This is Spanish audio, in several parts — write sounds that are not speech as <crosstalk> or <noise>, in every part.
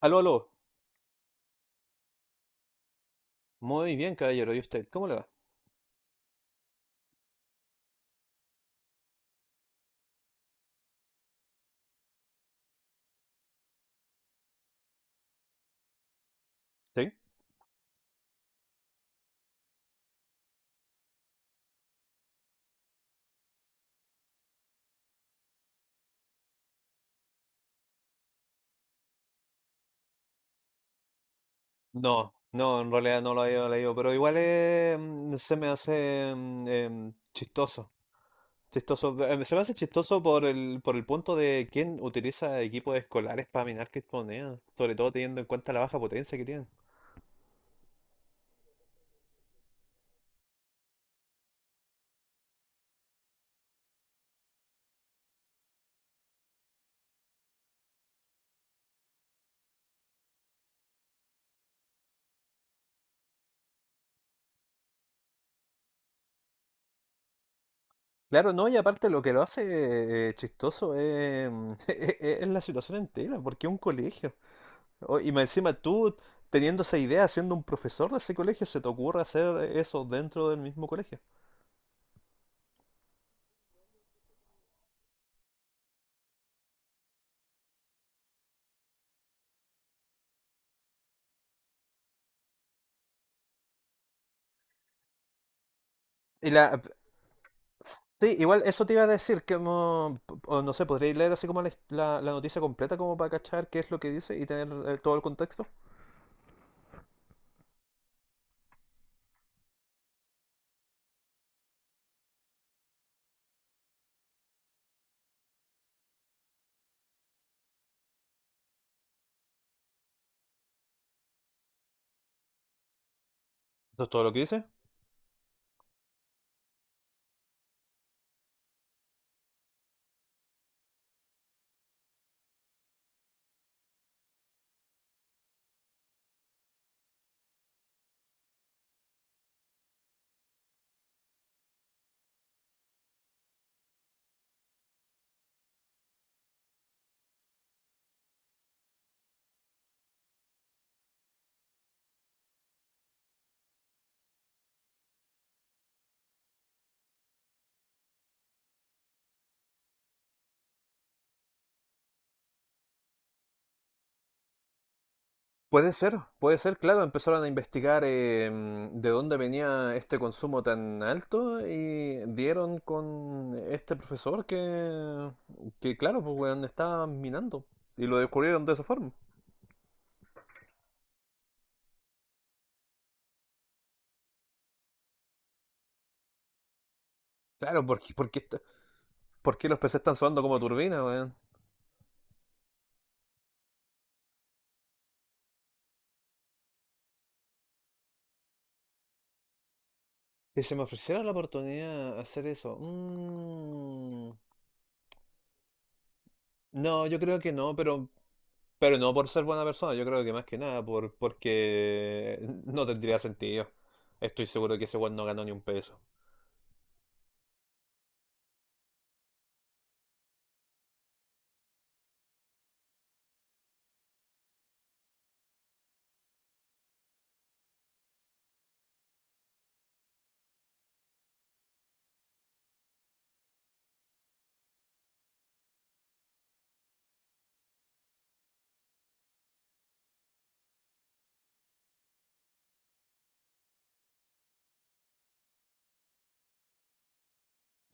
Aló, aló. Muy bien, caballero. ¿Y usted? ¿Cómo le va? ¿Sí? No, no, en realidad no lo había leído, pero igual se me hace chistoso. Chistoso. Se me hace chistoso por el punto de quién utiliza equipos escolares para minar criptomonedas, sobre todo teniendo en cuenta la baja potencia que tienen. Claro, no, y aparte lo que lo hace chistoso es, <laughs> es la situación entera, porque es un colegio. Oh, y más encima tú, teniendo esa idea, siendo un profesor de ese colegio, se te ocurre hacer eso dentro del mismo colegio. Y la... Sí, igual eso te iba a decir, que no, o no sé, podríais leer así como la noticia completa como para cachar qué es lo que dice y tener todo el contexto. ¿Eso es todo lo que dice? Puede ser, claro, empezaron a investigar de dónde venía este consumo tan alto y dieron con este profesor que claro, pues weón, estaba minando y lo descubrieron de esa forma. Claro, porque ¿por qué los PC están sonando como turbina, weón? Que se me ofreciera la oportunidad de hacer eso. No, yo creo que no, pero no por ser buena persona, yo creo que más que nada, porque no tendría sentido. Estoy seguro que ese weón no ganó ni un peso.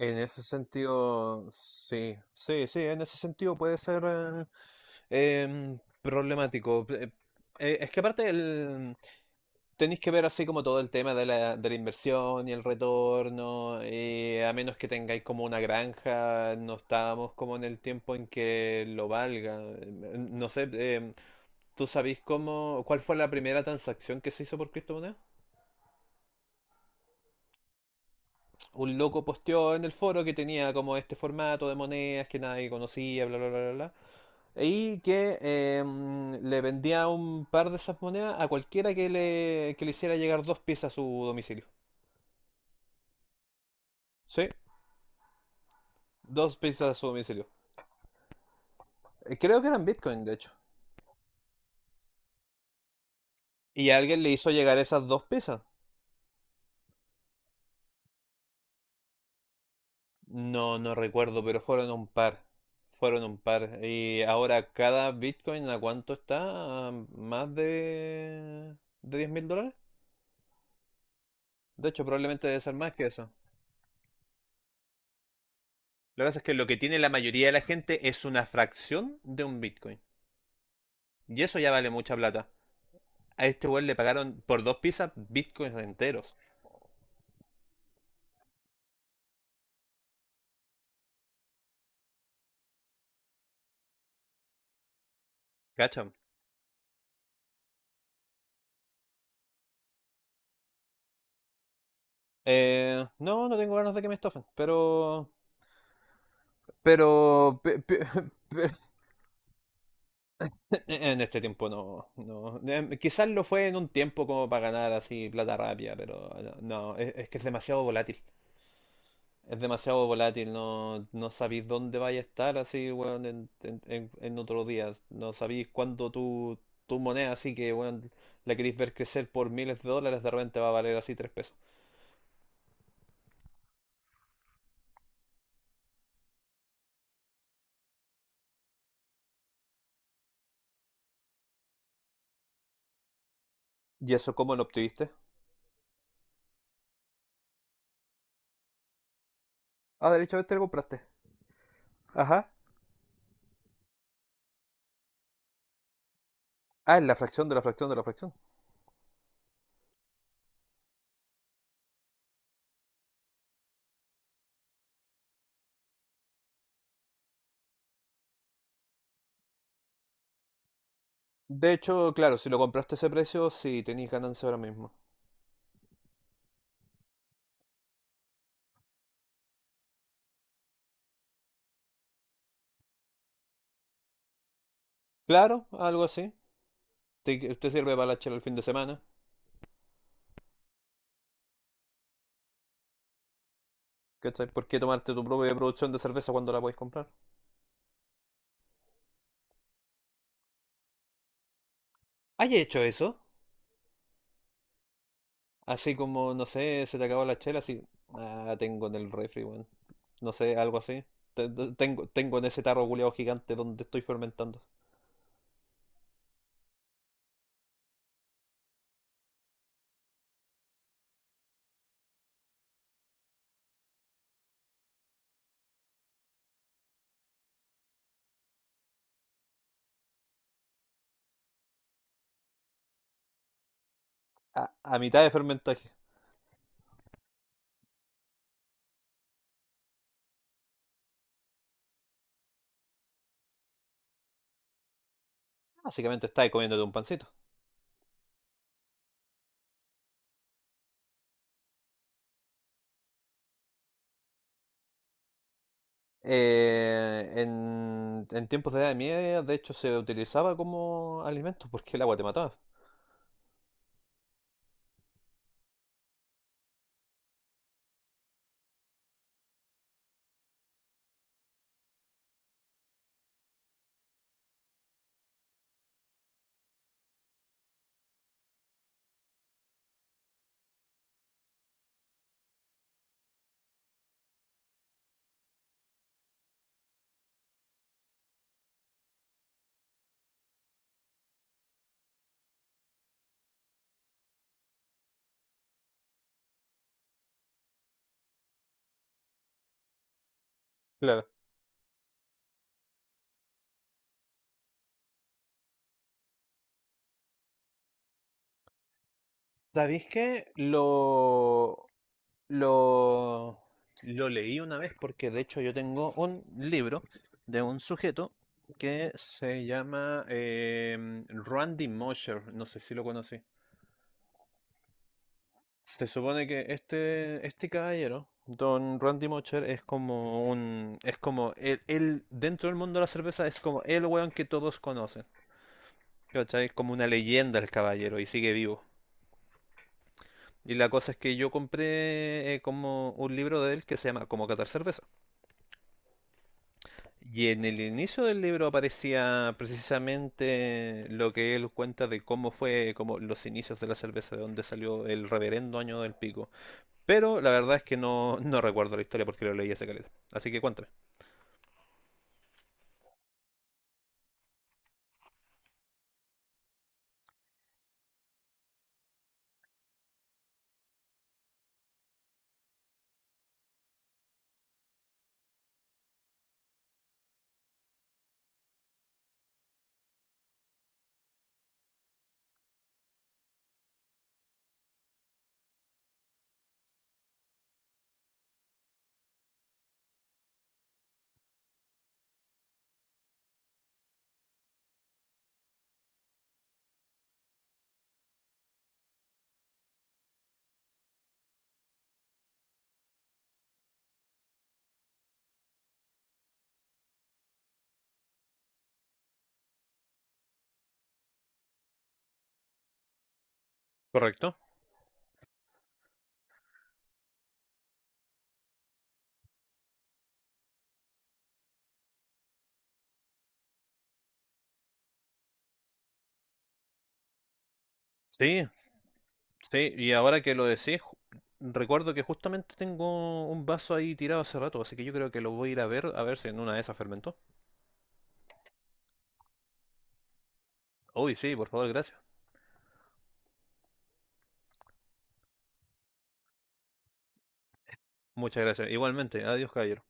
En ese sentido, sí, sí, sí, en ese sentido puede ser problemático. Es que aparte tenéis que ver así como todo el tema de la inversión y el retorno, a menos que tengáis como una granja, no estábamos como en el tiempo en que lo valga. No sé, ¿tú sabéis cómo, cuál fue la primera transacción que se hizo por criptomonedas? Un loco posteó en el foro que tenía como este formato de monedas que nadie conocía, bla, bla, bla, bla, bla. Y que le vendía un par de esas monedas a cualquiera que le hiciera llegar dos piezas a su domicilio. ¿Sí? Dos pizzas a su domicilio. Creo que eran Bitcoin, de hecho. Y alguien le hizo llegar esas dos pizzas. No, no recuerdo, pero fueron un par. Fueron un par. Y ahora cada Bitcoin, ¿a cuánto está? ¿A más de 10 mil dólares? De hecho, probablemente debe ser más que eso. Lo que pasa es que lo que tiene la mayoría de la gente es una fracción de un Bitcoin. Y eso ya vale mucha plata. A este weón le pagaron por dos pizzas Bitcoins enteros. ¿Cachan? No, no tengo ganas de que me estofen, pero, <laughs> en este tiempo no, no. Quizás lo fue en un tiempo como para ganar así plata rápida, pero no, es que es demasiado volátil. Es demasiado volátil, no, no sabéis dónde vais a estar así, weón, en otros días. No sabéis cuándo tu, tu moneda, así que, weón, la queréis ver crecer por miles de dólares, de repente va a valer así tres pesos. ¿Y eso cómo lo obtuviste? Ah, derechamente lo compraste. Ajá. Ah, es la fracción de la fracción de la fracción. De hecho, claro, si lo compraste a ese precio, sí, tenéis ganancia ahora mismo. Claro, algo así. Te sirve para la chela el fin de semana. ¿Cachai? ¿Por qué tomarte tu propia producción de cerveza cuando la podéis comprar? ¿Has hecho eso? Así como, no sé, se te acabó la chela, así. Ah, tengo en el refri, weón. No sé, algo así. Tengo, tengo en ese tarro culeado gigante donde estoy fermentando. A, a mitad de fermentaje. Básicamente estáis comiéndote un pancito. En tiempos de Edad Media, de hecho, se utilizaba como alimento porque el agua te mataba. Claro. ¿Sabéis qué? Lo, lo leí una vez porque de hecho yo tengo un libro de un sujeto que se llama Randy Mosher, no sé si lo conocí. Se supone que este caballero, Don Randy Mocher, es como un... Es como él, dentro del mundo de la cerveza, es como el weón que todos conocen. ¿Cachai? Es como una leyenda el caballero y sigue vivo. Y la cosa es que yo compré como un libro de él que se llama Como catar cerveza. Y en el inicio del libro aparecía precisamente lo que él cuenta de cómo fue como los inicios de la cerveza, de dónde salió el reverendo año del pico. Pero la verdad es que no, no recuerdo la historia porque lo leí hace caleta. Así que cuéntame. ¿Correcto? Sí, sí. Y ahora que lo decís, ju- recuerdo que justamente tengo un vaso ahí tirado hace rato, así que yo creo que lo voy a ir a ver si en una de esas fermentó. Uy, sí, por favor, gracias. Muchas gracias. Igualmente. Adiós, caballero.